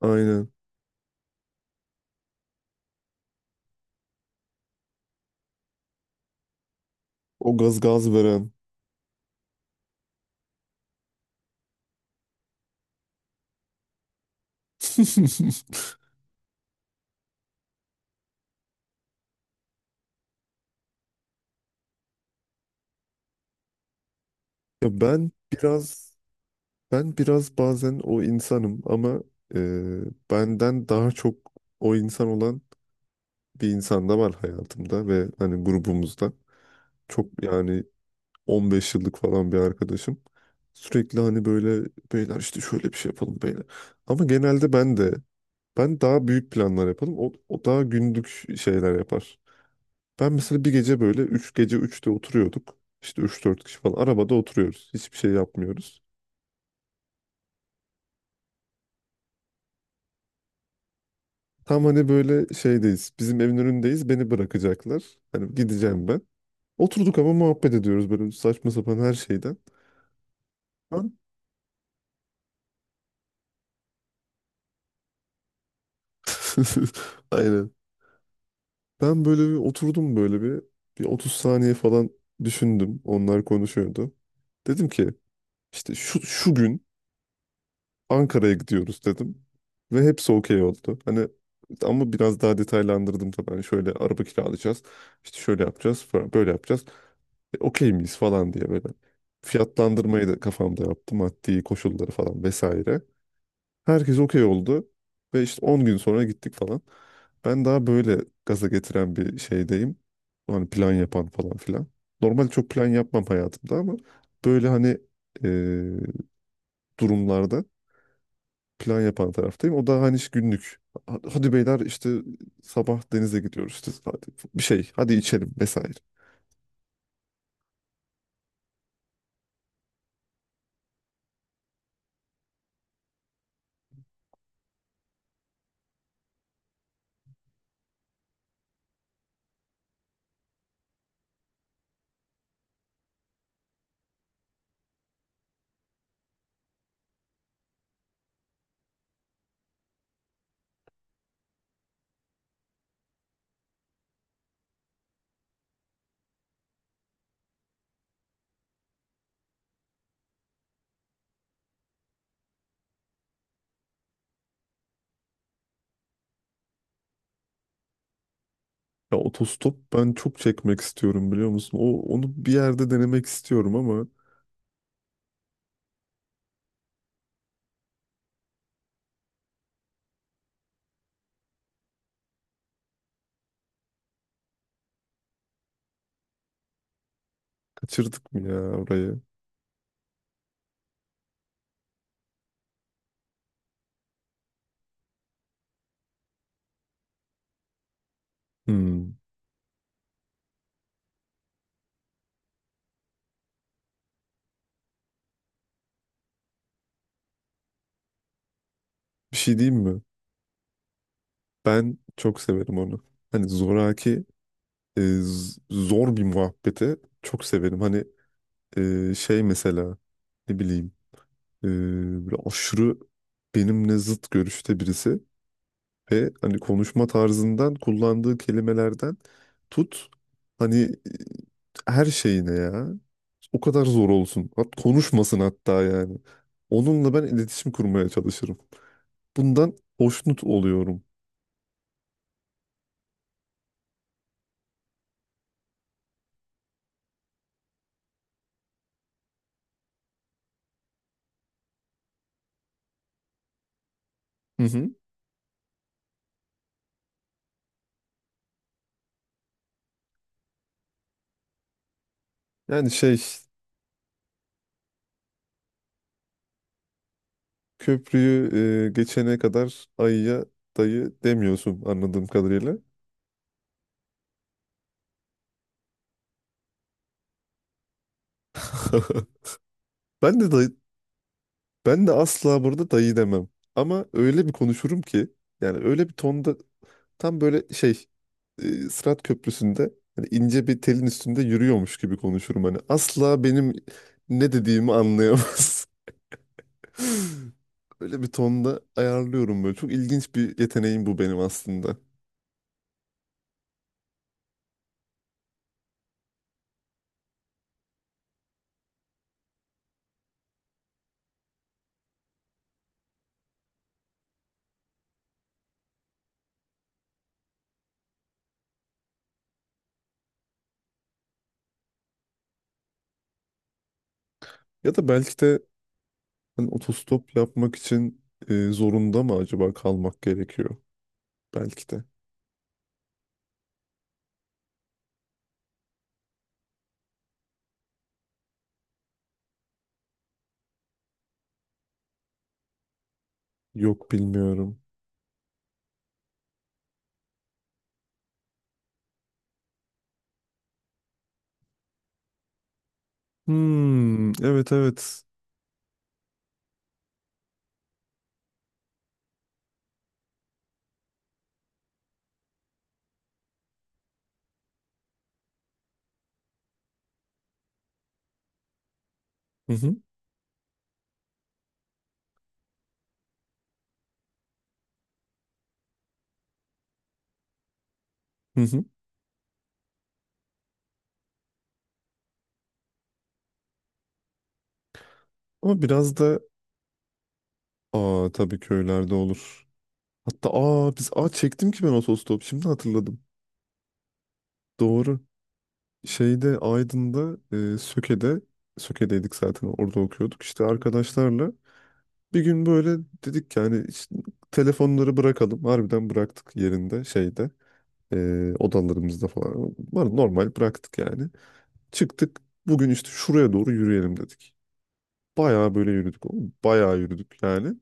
Aynen. O gaz veren. Ya ben biraz bazen o insanım ama e, benden daha çok o insan olan bir insan da var hayatımda ve hani grubumuzda. Çok yani 15 yıllık falan bir arkadaşım. Sürekli hani böyle beyler işte şöyle bir şey yapalım beyler. Ama genelde ben daha büyük planlar yapalım. O daha günlük şeyler yapar. Ben mesela bir gece böyle 3 gece üçte oturuyorduk. İşte üç dört kişi falan arabada oturuyoruz. Hiçbir şey yapmıyoruz. Tam hani böyle şeydeyiz. Bizim evin önündeyiz. Beni bırakacaklar. Hani gideceğim ben. Oturduk ama muhabbet ediyoruz böyle saçma sapan her şeyden. Ben... Aynen. Ben böyle bir oturdum böyle bir 30 saniye falan düşündüm. Onlar konuşuyordu. Dedim ki işte şu gün Ankara'ya gidiyoruz dedim. Ve hepsi okey oldu. Hani ama biraz daha detaylandırdım tabii. Hani şöyle araba kiralayacağız. İşte şöyle yapacağız falan, böyle yapacağız. Okey miyiz falan diye böyle. Fiyatlandırmayı da kafamda yaptım. Maddi koşulları falan vesaire. Herkes okey oldu. Ve işte 10 gün sonra gittik falan. Ben daha böyle gaza getiren bir şeydeyim. Hani plan yapan falan filan. Normalde çok plan yapmam hayatımda ama böyle hani e, durumlarda plan yapan taraftayım. O da hani işte günlük. Hadi beyler işte sabah denize gidiyoruz işte hadi bir şey hadi içelim vesaire. Ya otostop ben çok çekmek istiyorum biliyor musun? Onu bir yerde denemek istiyorum ama kaçırdık mı ya orayı? Hmm. Bir şey diyeyim mi? Ben çok severim onu. Hani zoraki zor bir muhabbeti çok severim. Hani şey mesela ne bileyim. Ee, Böyle aşırı benimle zıt görüşte birisi ve hani konuşma tarzından, kullandığı kelimelerden tut, hani her şeyine ya, o kadar zor olsun, hat konuşmasın, hatta yani onunla ben iletişim kurmaya çalışırım, bundan hoşnut oluyorum. Hı hı. Yani şey, köprüyü geçene kadar ayıya dayı demiyorsun anladığım kadarıyla. Ben de dayı, ben de asla burada dayı demem. Ama öyle bir konuşurum ki, yani öyle bir tonda, tam böyle şey, Sırat Köprüsü'nde hani ince bir telin üstünde yürüyormuş gibi konuşurum hani. Asla benim ne dediğimi anlayamaz. Öyle bir tonda ayarlıyorum böyle. Çok ilginç bir yeteneğim bu benim aslında. Ya da belki de hani otostop yapmak için zorunda mı acaba kalmak gerekiyor? Belki de. Yok bilmiyorum. Hmm, evet, evet. Hı hı. Hı hı. Ama biraz da, aa tabii, köylerde olur. Hatta aa biz, aa çektim ki ben otostop, şimdi hatırladım. Doğru. Şeyde, Aydın'da, Söke'de, Söke'deydik zaten orada okuyorduk. İşte arkadaşlarla bir gün böyle dedik yani, işte telefonları bırakalım. Harbiden bıraktık yerinde, şeyde, odalarımızda falan. Var, normal bıraktık yani. Çıktık, bugün işte şuraya doğru yürüyelim dedik. Bayağı böyle yürüdük. Bayağı yürüdük yani.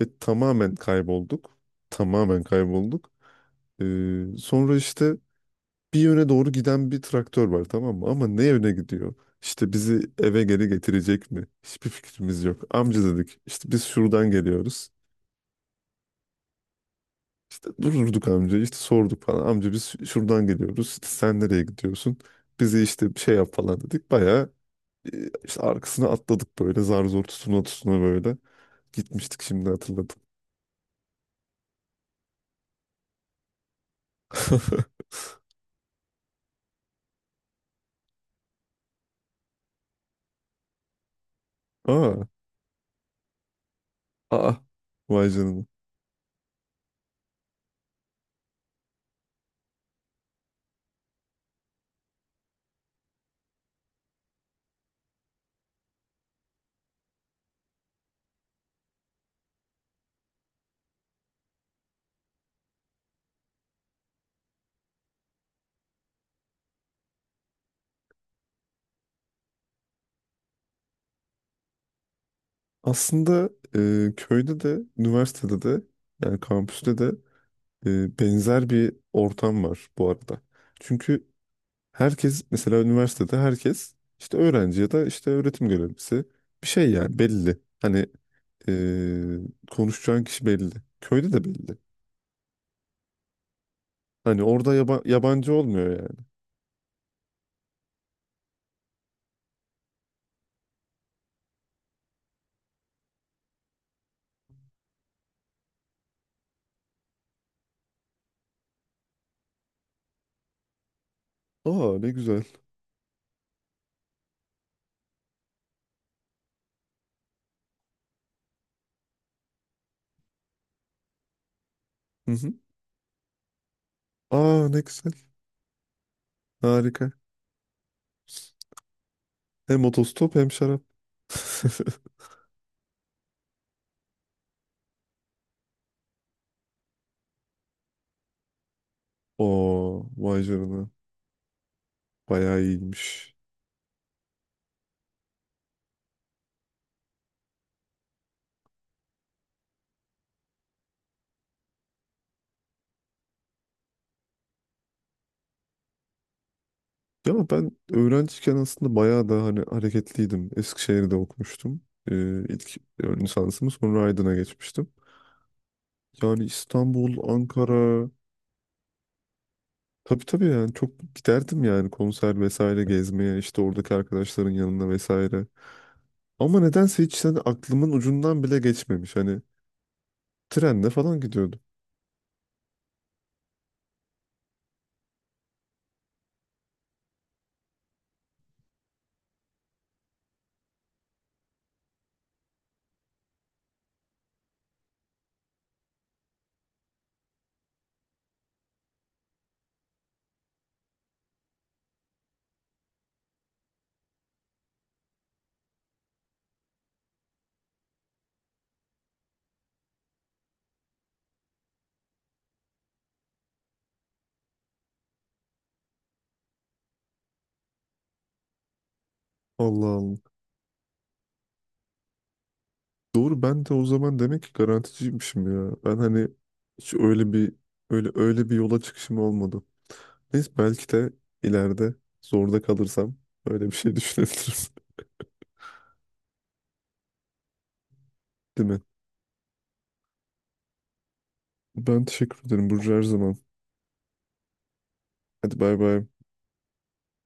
Ve tamamen kaybolduk. Tamamen kaybolduk. Sonra işte bir yöne doğru giden bir traktör var, tamam mı? Ama ne yöne gidiyor? İşte bizi eve geri getirecek mi? Hiçbir fikrimiz yok. Amca dedik, işte biz şuradan geliyoruz. İşte durdurduk amca, işte sorduk falan. Amca biz şuradan geliyoruz. İşte sen nereye gidiyorsun? Bizi işte bir şey yap falan dedik. Bayağı işte arkasına atladık, böyle zar zor tutuna tutuna böyle. Gitmiştik, şimdi hatırladım. Aa, aa vay canına. Aslında köyde de, üniversitede de, yani kampüste de, benzer bir ortam var bu arada. Çünkü herkes, mesela üniversitede herkes işte öğrenci ya da işte öğretim görevlisi bir şey, yani belli. Hani konuşacağın kişi belli. Köyde de belli. Hani orada yabancı olmuyor yani. Aa ne güzel. Hı hı. Aa ne güzel. Harika. Hem otostop, hem şarap. Oo vay canına. Bayağı iyiymiş. Ya ama ben öğrenciyken aslında bayağı da hani hareketliydim. Eskişehir'de okumuştum. İlk ön lisansımı, sonra Aydın'a geçmiştim. Yani İstanbul, Ankara... Tabii, tabii, yani çok giderdim yani, konser vesaire, gezmeye, işte oradaki arkadaşların yanına vesaire. Ama nedense hiç hani aklımın ucundan bile geçmemiş. Hani trenle falan gidiyordum. Allah Allah. Doğru, ben de o zaman demek ki garanticiymişim ya. Ben hani hiç öyle bir, öyle bir yola çıkışım olmadı. Neyse, belki de ileride zorda kalırsam öyle bir şey düşünebilirim. Değil mi? Ben teşekkür ederim Burcu, her zaman. Hadi bay bay.